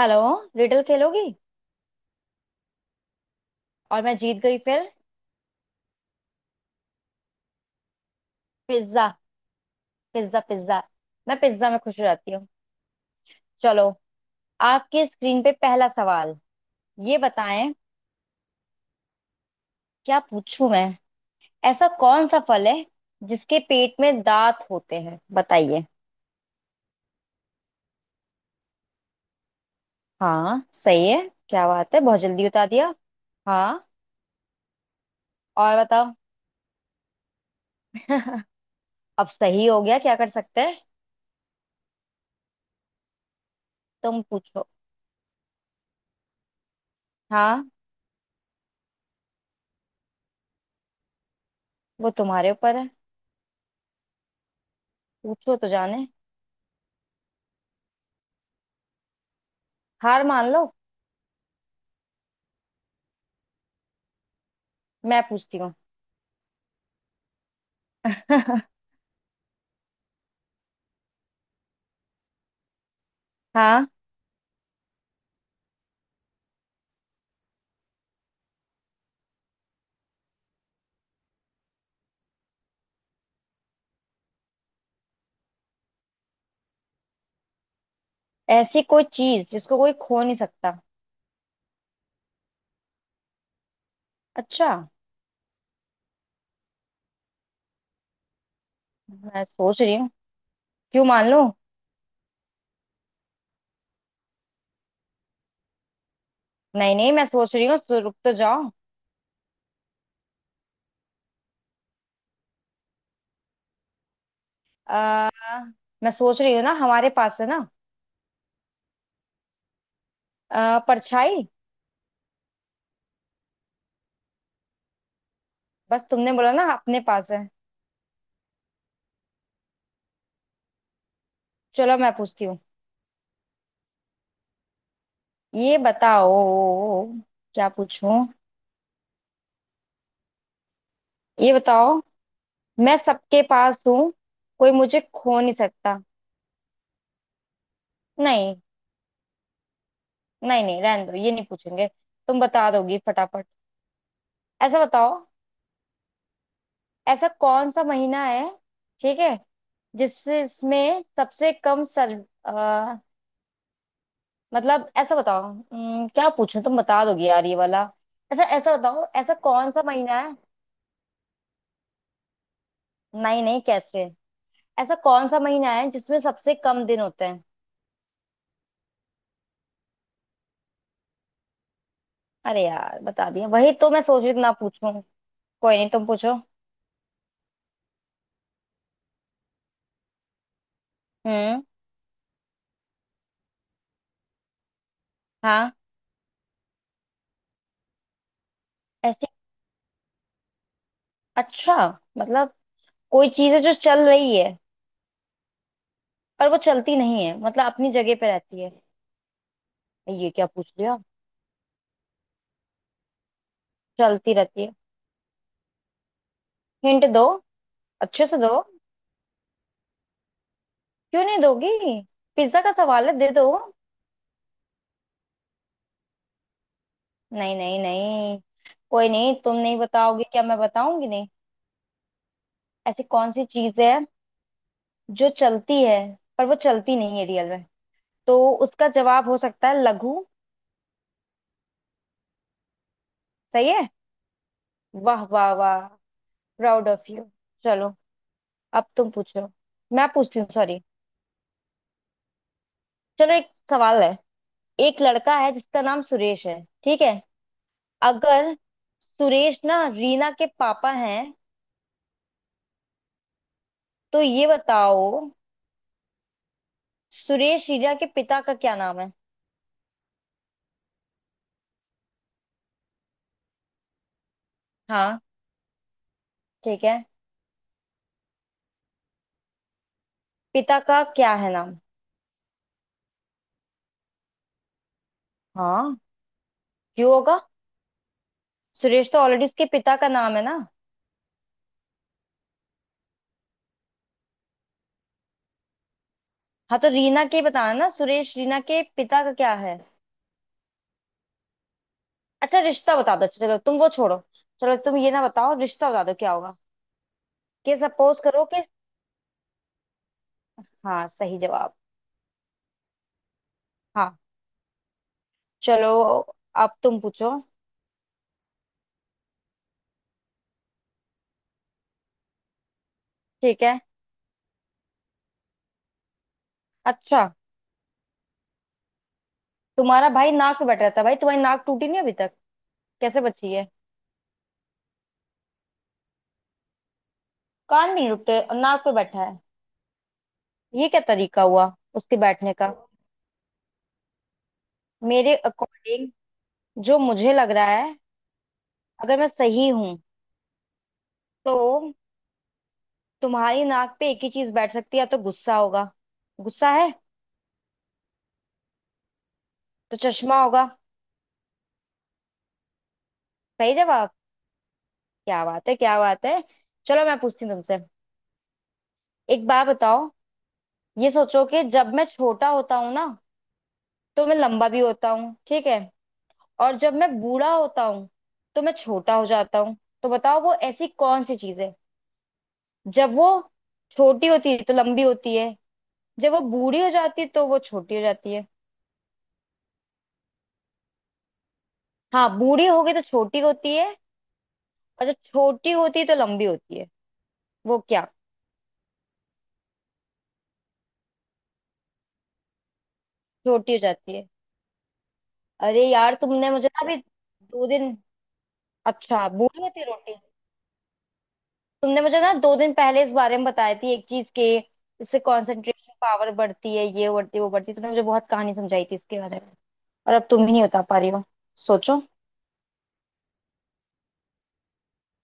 Hello. Riddle खेलोगी। और मैं जीत गई फिर। पिज्जा। पिज्जा। मैं पिज्जा में खुश हो जाती हूँ। चलो, आपकी स्क्रीन पे पहला सवाल। ये बताएं, क्या पूछूं मैं। ऐसा कौन सा फल है जिसके पेट में दांत होते हैं, बताइए। हाँ, सही है। क्या बात है, बहुत जल्दी बता दिया। हाँ, और बताओ। अब सही हो गया, क्या कर सकते हैं। तुम पूछो। हाँ, वो तुम्हारे ऊपर है। पूछो तो जाने। हार मान लो। मैं पूछती हूँ। हाँ, ऐसी कोई चीज जिसको कोई खो नहीं सकता। अच्छा, मैं सोच रही हूँ। क्यों मान लो। नहीं नहीं, मैं सोच रही हूँ। रुक तो जाओ। आ, मैं सोच रही हूँ ना, हमारे पास है ना। परछाई। बस तुमने बोला ना अपने पास है। चलो, मैं पूछती हूँ। ये बताओ। क्या पूछूं। ये बताओ, मैं सबके पास हूँ, कोई मुझे खो नहीं सकता। नहीं नहीं नहीं, रहने दो, ये नहीं पूछेंगे। तुम बता दोगी फटाफट। ऐसा बताओ, ऐसा कौन सा महीना है। ठीक है। जिससे इसमें सबसे कम सर्व। अ, मतलब ऐसा बताओ। क्या पूछूं, तुम बता दोगे यार ये वाला। अच्छा, ऐसा बताओ, ऐसा कौन सा महीना है। नहीं नहीं, कैसे। ऐसा कौन सा महीना है जिसमें सबसे कम दिन होते हैं। अरे यार, बता दिया, वही तो मैं सोच रही थी ना पूछूं। कोई नहीं, तुम पूछो। हम्म। हाँ। ऐसी। अच्छा। मतलब कोई चीज है जो चल रही है, पर वो चलती नहीं है, मतलब अपनी जगह पे रहती है। ये क्या पूछ लिया। चलती रहती है। हिंट दो। अच्छे से दो। क्यों नहीं दोगी। पिज्जा का सवाल है, दे दो। नहीं नहीं नहीं। कोई नहीं, तुम नहीं बताओगी क्या, मैं बताऊंगी नहीं। ऐसी कौन सी चीज है जो चलती है, पर वो चलती नहीं है रियल में। तो उसका जवाब हो सकता है लघु। सही है। वाह वाह वाह। Proud of you. चलो, अब तुम पूछो। मैं पूछती हूँ, सॉरी। चलो, एक सवाल है। एक लड़का है जिसका नाम सुरेश है, ठीक है। अगर सुरेश ना रीना के पापा हैं, तो ये बताओ, सुरेश रीना के पिता का क्या नाम है। हाँ। ठीक है। पिता का क्या है नाम। हाँ, क्यों होगा। सुरेश तो ऑलरेडी उसके पिता का नाम है ना। हाँ, तो रीना के बताना ना, सुरेश रीना के पिता का क्या है। अच्छा रिश्ता बता दो अच्छा, चलो तुम वो छोड़ो। चलो तुम ये ना बताओ, रिश्ता बता दो क्या होगा। कि सपोज करो कि। हाँ सही जवाब। हाँ। चलो, अब तुम पूछो। ठीक है। अच्छा। तुम्हारा भाई नाक पे बैठा रहता है, भाई तुम्हारी नाक टूटी नहीं अभी तक। कैसे बची है। कान भी नहीं रुकते और नाक पे बैठा है। ये क्या तरीका हुआ उसके बैठने का। मेरे अकॉर्डिंग, जो मुझे लग रहा है, अगर मैं सही हूं, तो तुम्हारी नाक पे एक ही चीज बैठ सकती है, या तो गुस्सा होगा। गुस्सा है। तो चश्मा होगा। सही जवाब। क्या बात है, क्या बात है। चलो, मैं पूछती हूँ तुमसे, एक बार बताओ। ये सोचो कि जब मैं छोटा होता हूँ ना, तो मैं लंबा भी होता हूँ, ठीक है। और जब मैं बूढ़ा होता हूँ, तो मैं छोटा हो जाता हूँ। तो बताओ वो ऐसी कौन सी चीज है, जब वो छोटी होती है तो लंबी होती है, जब वो बूढ़ी हो जाती है, तो वो छोटी हो जाती है। हाँ, बूढ़ी हो गई तो छोटी होती है, और जब छोटी होती है तो लंबी होती है। वो क्या। छोटी हो जाती है। अरे यार, तुमने मुझे ना अभी 2 दिन। अच्छा, बूढ़ी होती है रोटी। तुमने मुझे ना 2 दिन पहले इस बारे में बताई थी, एक चीज के, इससे कंसंट्रेशन पावर बढ़ती है, ये बढ़ती है, वो बढ़ती है, तुमने मुझे बहुत कहानी समझाई थी इसके बारे में। और अब तुम ही नहीं बता पा रही हो। सोचो।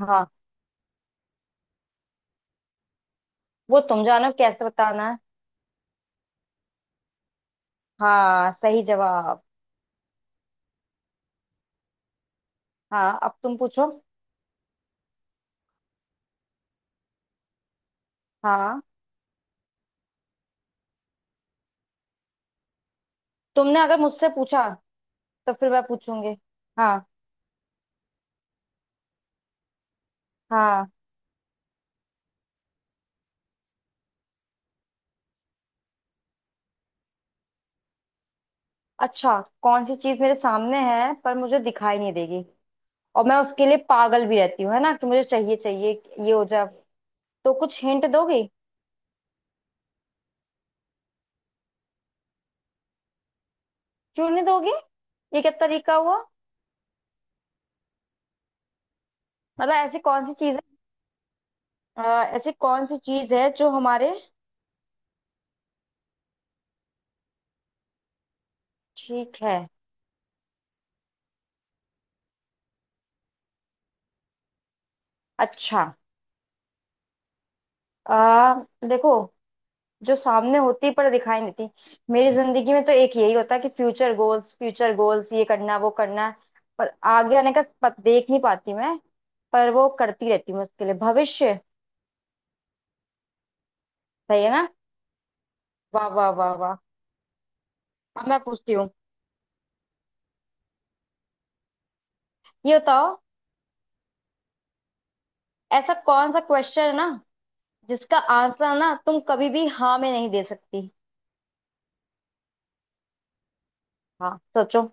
हाँ, वो तुम जानो कैसे बताना है। हाँ, सही जवाब। हाँ, अब तुम पूछो। हाँ, तुमने अगर मुझसे पूछा, तो फिर मैं पूछूंगी। हाँ। हाँ। अच्छा, कौन सी चीज मेरे सामने है पर मुझे दिखाई नहीं देगी, और मैं उसके लिए पागल भी रहती हूँ, है ना, कि मुझे चाहिए चाहिए ये हो जाए। तो कुछ हिंट दोगी। क्यों नहीं दोगी, ये क्या तरीका हुआ। मतलब ऐसी कौन सी चीज है। ऐसी कौन सी चीज है जो हमारे। ठीक है। अच्छा। आ, देखो, जो सामने होती है पर दिखाई नहीं देती। मेरी जिंदगी में तो एक यही होता है कि फ्यूचर गोल्स, फ्यूचर गोल्स, ये करना है, वो करना है, पर आगे आने का पत, देख नहीं पाती मैं, पर वो करती रहती हूँ उसके लिए। भविष्य। सही है ना। वाह वाह वाह वाह। अब मैं पूछती हूँ। ये बताओ, ऐसा कौन सा क्वेश्चन है ना जिसका आंसर ना तुम कभी भी हाँ में नहीं दे सकती। हाँ, सोचो।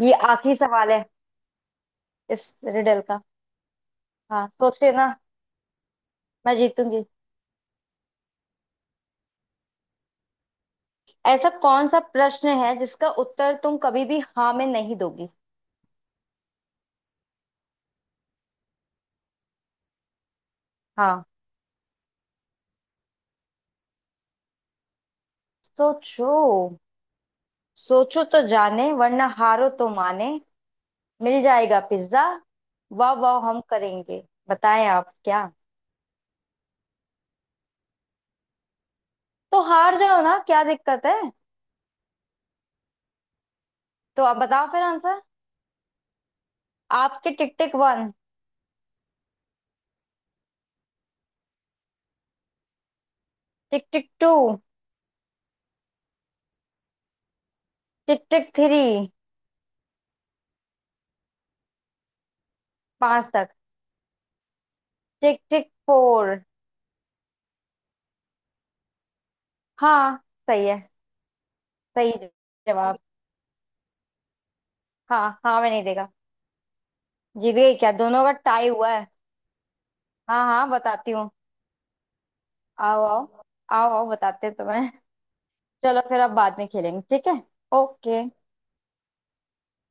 ये आखिरी सवाल है इस रिडल का। हाँ, सोचते ना, मैं जीतूंगी। ऐसा कौन सा प्रश्न है जिसका उत्तर तुम कभी भी हाँ में नहीं दोगी। हाँ, सोचो। सोचो तो जाने, वरना हारो तो माने। मिल जाएगा पिज्जा। वाह वाह, हम करेंगे। बताएं आप क्या। तो हार जाओ ना, क्या दिक्कत है। तो आप बताओ फिर आंसर। आपके टिक टिक 1। टिक टिक 2। टिक टिक 3। 5 तक। टिक टिक 4। हाँ, सही है। सही जवाब। हाँ हाँ, मैं नहीं देगा। जीत गई, क्या दोनों का टाई हुआ है। हाँ हाँ, बताती हूँ। आओ आओ। आओ आओ, बताते हैं तुम्हें। चलो फिर, अब बाद में खेलेंगे, ठीक है। ओके।